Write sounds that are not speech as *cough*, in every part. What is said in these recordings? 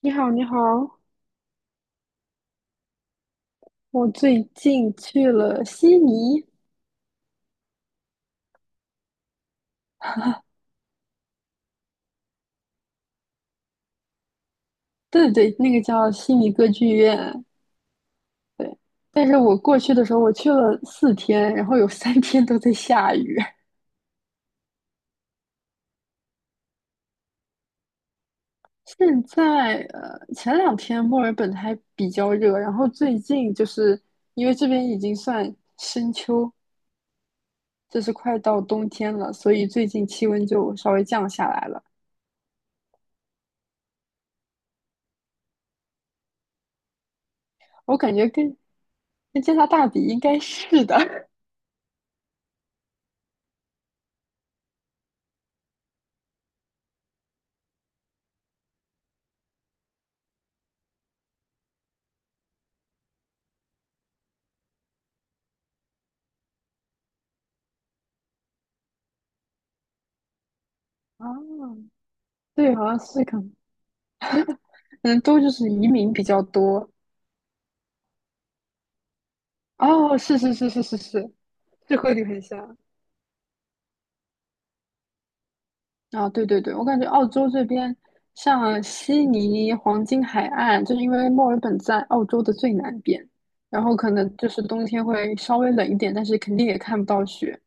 你好，你好，我最近去了悉尼。对对对，那个叫悉尼歌剧院。对。但是我过去的时候，我去了4天，然后有3天都在下雨。*laughs* 现在前两天墨尔本还比较热，然后最近就是因为这边已经算深秋，就是快到冬天了，所以最近气温就稍微降下来了。我感觉跟加拿大比应该是的。 *laughs* 啊，对，好像是可能。嗯，都就是移民比较多。哦，是是是是是是，这汇率很像啊。对对对，我感觉澳洲这边，像悉尼黄金海岸，就是因为墨尔本在澳洲的最南边，然后可能就是冬天会稍微冷一点，但是肯定也看不到雪。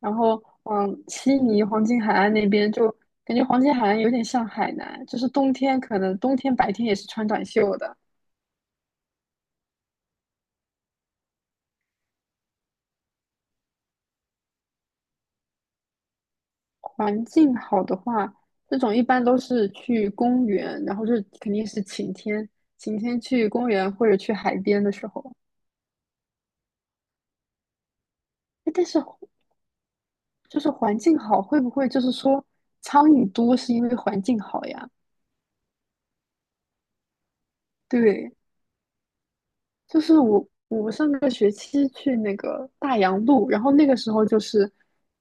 然后，嗯，悉尼黄金海岸那边就感觉黄金海岸有点像海南，就是冬天可能冬天白天也是穿短袖的。环境好的话，这种一般都是去公园，然后就是肯定是晴天，晴天去公园或者去海边的时候。哎但是就是环境好，会不会就是说苍蝇多是因为环境好呀？对，就是我上个学期去那个大洋路，然后那个时候就是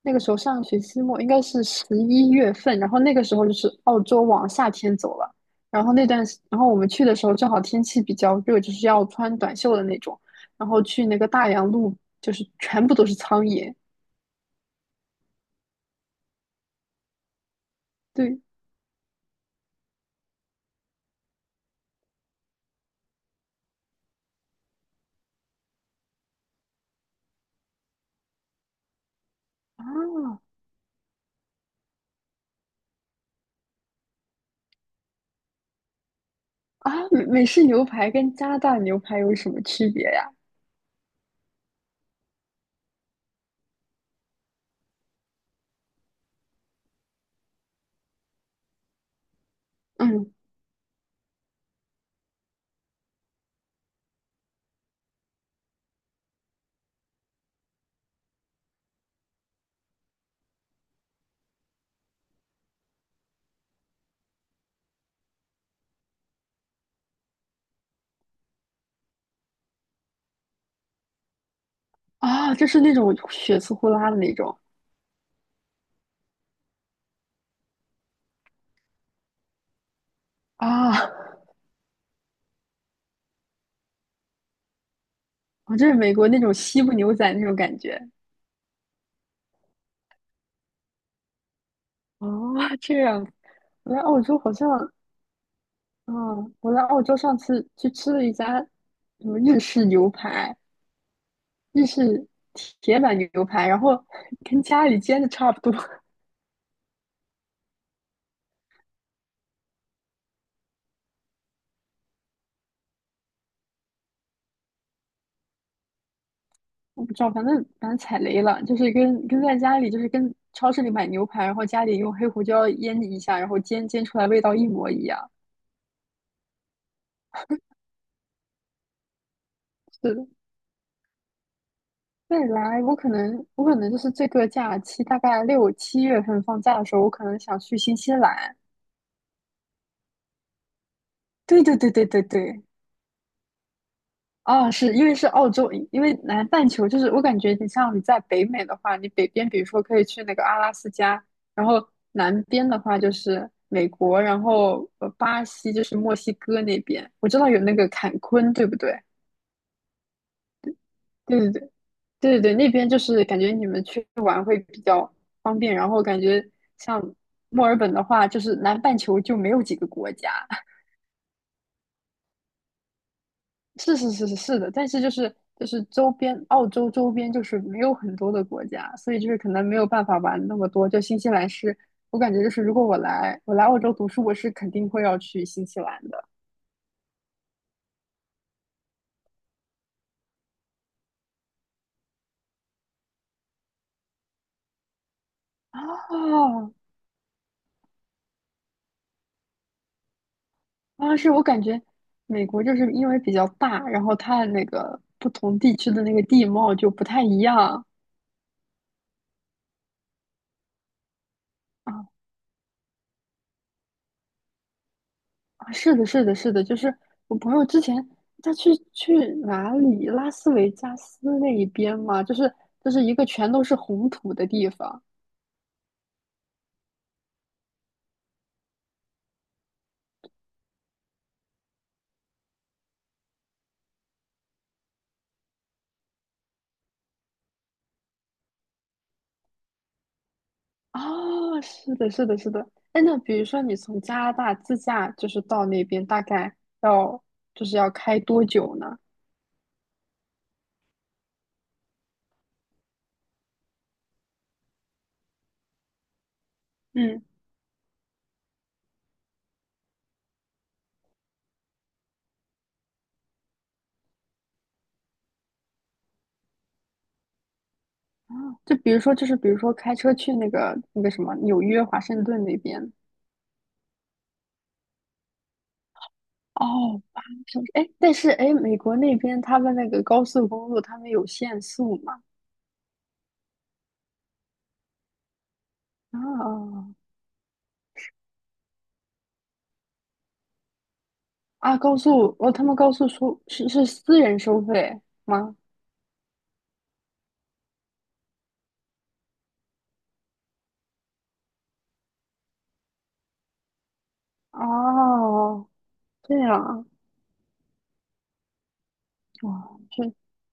那个时候上学期末应该是11月份，然后那个时候就是澳洲往夏天走了，然后那段时然后我们去的时候正好天气比较热，就是要穿短袖的那种，然后去那个大洋路就是全部都是苍蝇。对啊啊，美式牛排跟加拿大牛排有什么区别呀？嗯啊，就是那种血丝呼啦的那种啊。哦，这是美国那种西部牛仔那种感觉。哦，这样。我在澳洲好像，嗯，我在澳洲上次去吃了一家什么日式牛排，日式铁板牛排，然后 *laughs* 跟家里煎的差不多。我不知道，反正踩雷了，就是跟在家里，就是跟超市里买牛排，然后家里用黑胡椒腌一下，然后煎煎出来味道一模一样。是的，未来我可能就是这个假期大概6、7月份放假的时候，我可能想去新西兰。对对对对对对。啊，是因为是澳洲，因为南半球就是我感觉你像你在北美的话，你北边比如说可以去那个阿拉斯加，然后南边的话就是美国，然后巴西就是墨西哥那边，我知道有那个坎昆，对不对？对对对对对对，那边就是感觉你们去玩会比较方便，然后感觉像墨尔本的话，就是南半球就没有几个国家。是是是是是的，但是就是周边澳洲周边就是没有很多的国家，所以就是可能没有办法玩那么多。就新西兰是，我感觉就是如果我来澳洲读书，我是肯定会要去新西兰的。啊啊，是我感觉美国就是因为比较大，然后它那个不同地区的那个地貌就不太一样。啊。啊，是的，是的，是的，就是我朋友之前他去哪里，拉斯维加斯那一边嘛，就是一个全都是红土的地方。啊，是的，是的，是的。哎，那比如说你从加拿大自驾就是到那边，大概要就是要开多久呢？嗯。啊，就比如说开车去那个什么纽约、华盛顿那边。哦，8个小时。哎，但是哎，美国那边他们那个高速公路，他们有限速嘛？啊。啊！高速哦，他们高速收是私人收费吗？哦，这样啊。哇，确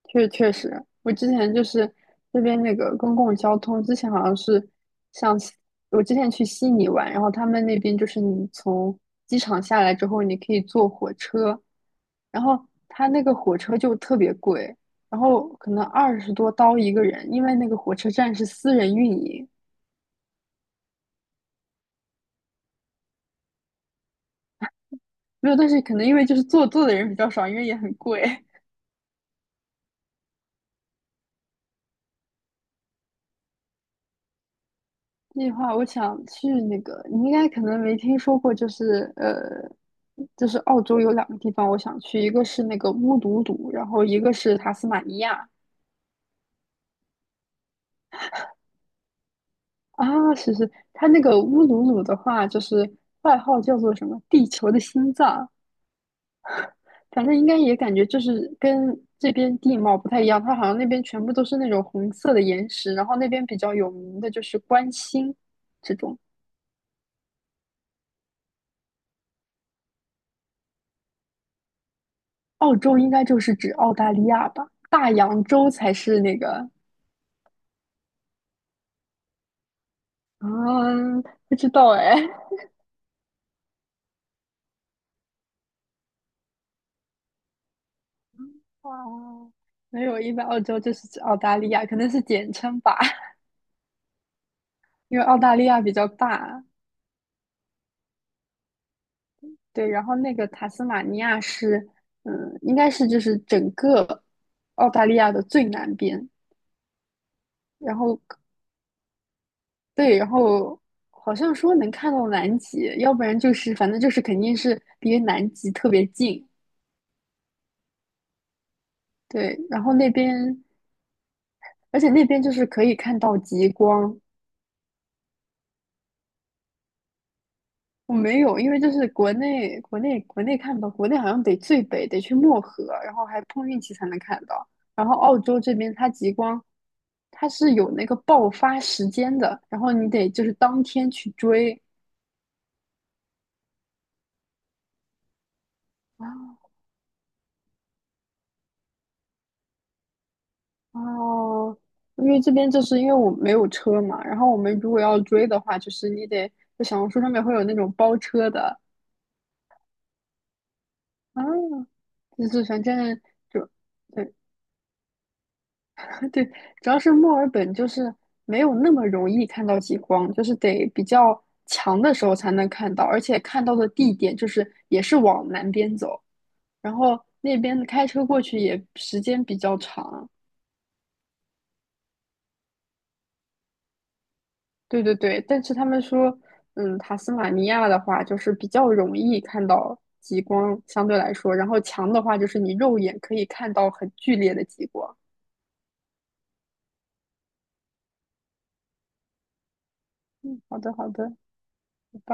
确确实，我之前就是这边那个公共交通，之前好像是像西我之前去悉尼玩，然后他们那边就是你从机场下来之后，你可以坐火车，然后他那个火车就特别贵，然后可能20多刀一个人，因为那个火车站是私人运营。没有，但是可能因为就是做的人比较少，因为也很贵。*laughs* 这句话我想去那个，你应该可能没听说过，就是就是澳洲有2个地方我想去，一个是那个乌鲁鲁，然后一个是塔斯马尼亚。啊，是是，它那个乌鲁鲁的话，就是外号叫做什么“地球的心脏”，反正应该也感觉就是跟这边地貌不太一样，它好像那边全部都是那种红色的岩石，然后那边比较有名的就是观星这种。澳洲应该就是指澳大利亚吧？大洋洲才是那个。啊，不知道哎。哦，没有，一般澳洲就是指澳大利亚，可能是简称吧，*laughs* 因为澳大利亚比较大。对，然后那个塔斯马尼亚是，嗯，应该是就是整个澳大利亚的最南边。然后对，然后好像说能看到南极，要不然就是反正就是肯定是离南极特别近。对，然后那边就是可以看到极光。我没有，因为就是国内看不到，国内好像得最北得去漠河，然后还碰运气才能看到。然后澳洲这边它极光，它是有那个爆发时间的，然后你得就是当天去追。啊。哦，因为这边就是因为我没有车嘛，然后我们如果要追的话，就是你得就小红书上面会有那种包车的。啊，就是反正就对，对，主要是墨尔本就是没有那么容易看到极光，就是得比较强的时候才能看到，而且看到的地点就是也是往南边走，然后那边开车过去也时间比较长。对对对，但是他们说，嗯，塔斯马尼亚的话就是比较容易看到极光，相对来说，然后强的话就是你肉眼可以看到很剧烈的极光。嗯，好的好的，拜拜。